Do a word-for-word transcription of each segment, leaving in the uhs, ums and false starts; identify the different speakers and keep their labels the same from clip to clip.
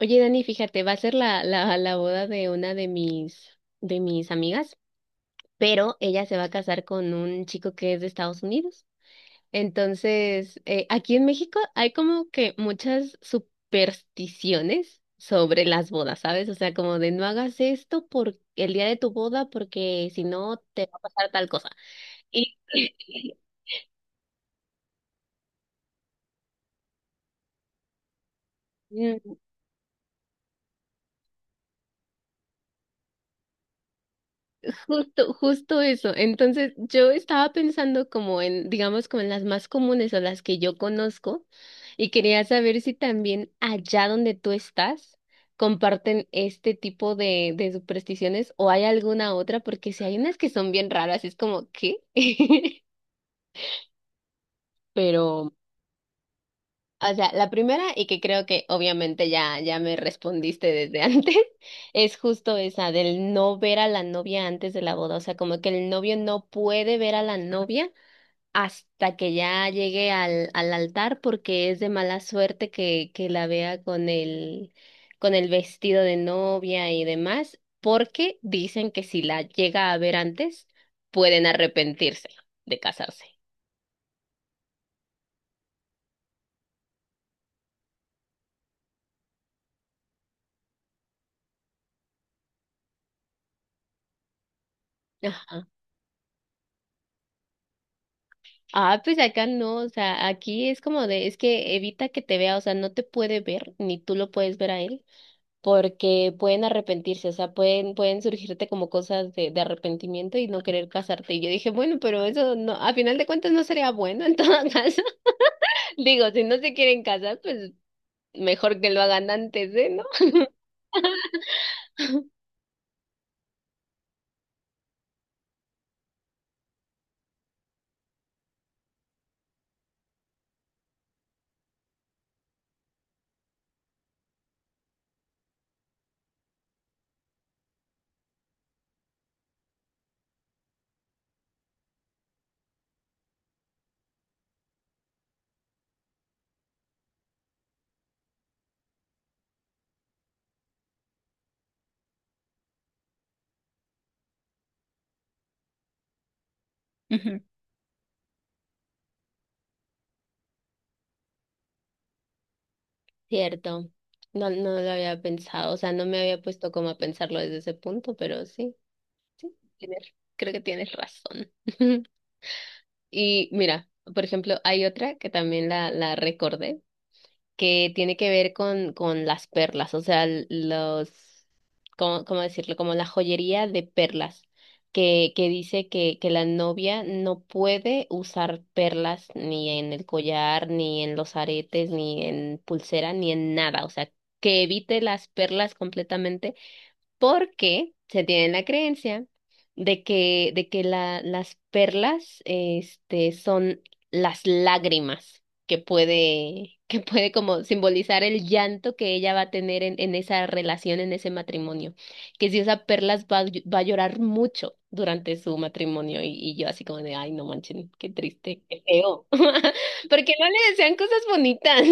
Speaker 1: Oye, Dani, fíjate, va a ser la, la, la boda de una de mis, de mis amigas, pero ella se va a casar con un chico que es de Estados Unidos. Entonces, eh, aquí en México hay como que muchas supersticiones sobre las bodas, ¿sabes? O sea, como de no hagas esto por el día de tu boda porque si no te va a pasar tal cosa. Y Justo, justo eso. Entonces, yo estaba pensando como en, digamos, como en las más comunes o las que yo conozco y quería saber si también allá donde tú estás comparten este tipo de, de supersticiones o hay alguna otra, porque si hay unas que son bien raras, es como, ¿qué? Pero, o sea, la primera y que creo que obviamente ya, ya me respondiste desde antes. Es justo esa del no ver a la novia antes de la boda, o sea, como que el novio no puede ver a la novia hasta que ya llegue al, al altar porque es de mala suerte que, que la vea con el, con el vestido de novia y demás, porque dicen que si la llega a ver antes, pueden arrepentirse de casarse. Ajá. Ah, pues acá no, o sea, aquí es como de, es que evita que te vea, o sea, no te puede ver, ni tú lo puedes ver a él. Porque pueden arrepentirse, o sea, pueden, pueden surgirte como cosas de, de arrepentimiento y no querer casarte. Y yo dije, bueno, pero eso no, a final de cuentas no sería bueno en todo caso. Digo, si no se quieren casar, pues mejor que lo hagan antes de, ¿no? Ujú. Cierto. No, no lo había pensado, o sea, no me había puesto como a pensarlo desde ese punto, pero sí, tienes- creo que tienes razón. Y mira, por ejemplo, hay otra que también la, la recordé. Que tiene que ver con, con las perlas, o sea, l- los, ¿cómo, cómo decirlo? Como la joyería de perlas, que, que dice que, que la novia no puede usar perlas ni en el collar, ni en los aretes, ni en pulsera, ni en nada, o sea, que evite las perlas completamente porque se tiene la creencia de que, de que la- las perlas, este, son las lágrimas que puede, que puede como simbolizar el llanto que ella va a tener en, en esa relación, en ese matrimonio. Que si usa perlas va, a ll- va a llorar mucho durante su matrimonio y, y yo así como de, ay, no manchen, qué triste, qué feo. Porque no le desean cosas bonitas.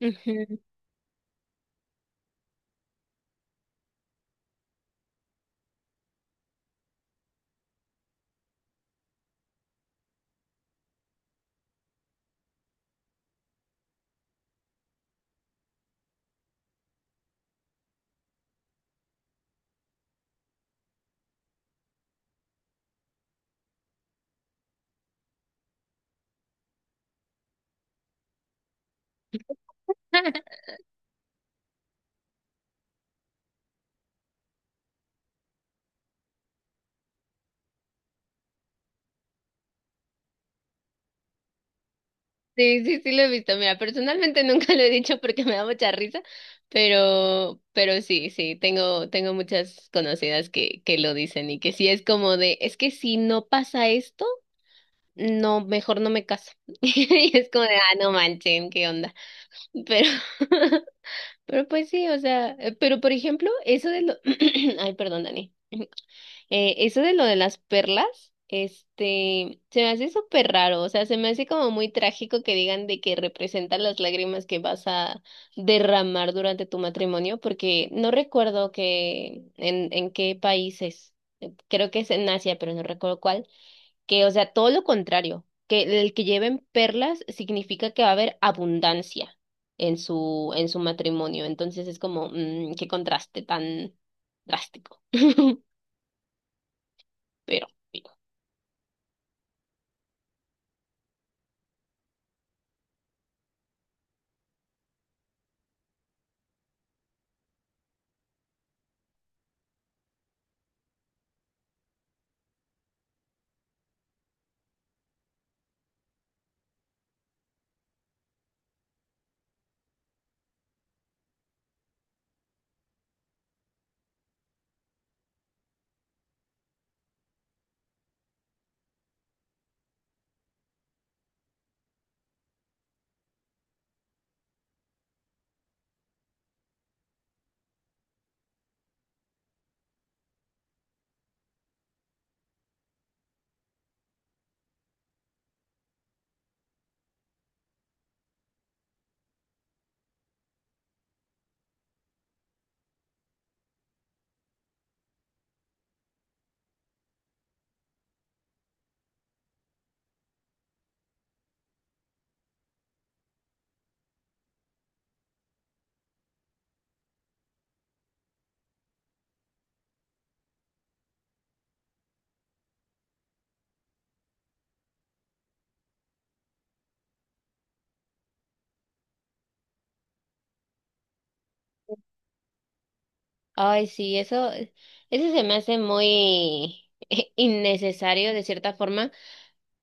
Speaker 1: Sí, sí, sí lo he visto. Mira, personalmente nunca lo he dicho porque me da mucha risa, pero, pero sí, sí, tengo, tengo muchas conocidas que, que lo dicen y que sí es como de, es que si no pasa esto, no, mejor no me caso. Y es como de, ah, no manchen, ¿qué onda? Pero, pero pues sí, o sea, eh, pero por ejemplo, eso de lo, ay, perdón, Dani. Eh, eso de lo de las perlas, este, se me hace súper raro, o sea, se me hace como muy trágico que digan de que representan las lágrimas que vas a derramar durante tu matrimonio, porque no recuerdo que en, en qué países, eh, creo que es en Asia, pero no recuerdo cuál, que, o sea, todo lo contrario, que el que lleven perlas significa que va a haber abundancia en su, en su matrimonio, entonces es como, mm, qué contraste tan drástico, pero... Ay, sí, eso, eso se me hace muy innecesario de cierta forma.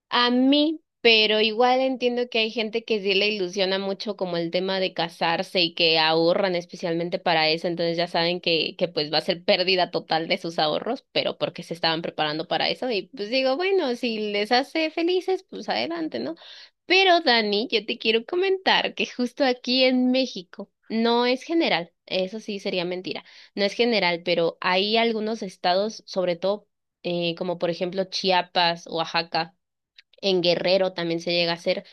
Speaker 1: A mí, pero igual entiendo que hay gente que sí le ilusiona mucho como el tema de casarse y que ahorran especialmente para eso, entonces ya saben que, que pues va a ser pérdida total de sus ahorros, pero porque se estaban preparando para eso y pues digo, bueno, si les hace felices, pues adelante, ¿no? Pero Dani, yo te quiero comentar que justo aquí en México no es general, eso sí sería mentira, no es general, pero hay algunos estados, sobre todo eh, como por ejemplo Chiapas, Oaxaca en Guerrero también se llega a hacer,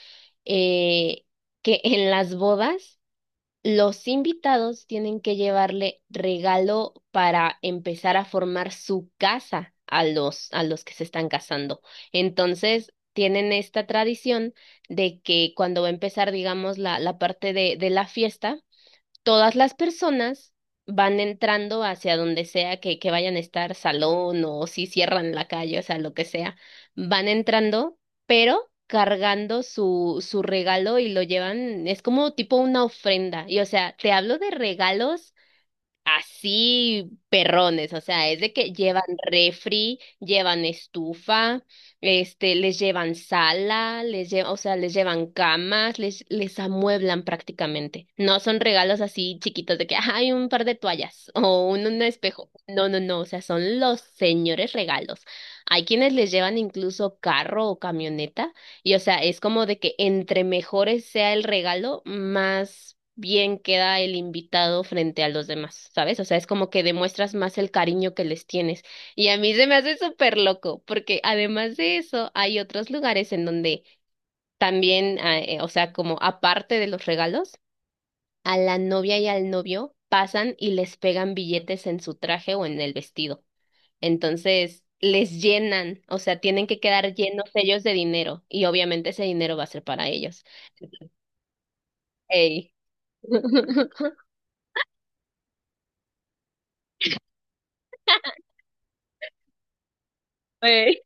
Speaker 1: eh, que en las bodas los invitados tienen que llevarle regalo para empezar a formar su casa a los, a los que se están casando. Entonces, tienen esta tradición de que cuando va a empezar, digamos, la, la parte de, de la fiesta, todas las personas van entrando hacia donde sea que, que vayan a estar, salón o si cierran la calle, o sea, lo que sea, van entrando, pero cargando su, su regalo y lo llevan, es como tipo una ofrenda. Y o sea, te hablo de regalos así perrones, o sea, es de que llevan refri, llevan estufa, este, les llevan sala, les llevan, o sea, les llevan camas, les, les amueblan prácticamente. No son regalos así chiquitos de que "Ah, hay un par de toallas o un, un espejo". No, no, no, o sea, son los señores regalos. Hay quienes les llevan incluso carro o camioneta. Y o sea, es como de que entre mejores sea el regalo, más bien queda el invitado frente a los demás, ¿sabes? O sea, es como que demuestras más el cariño que les tienes. Y a mí se me hace súper loco, porque además de eso, hay otros lugares en donde también, ah, eh, o sea, como aparte de los regalos, a la novia y al novio pasan y les pegan billetes en su traje o en el vestido. Entonces, les llenan, o sea, tienen que quedar llenos ellos de dinero y obviamente ese dinero va a ser para ellos. Ey. Ey.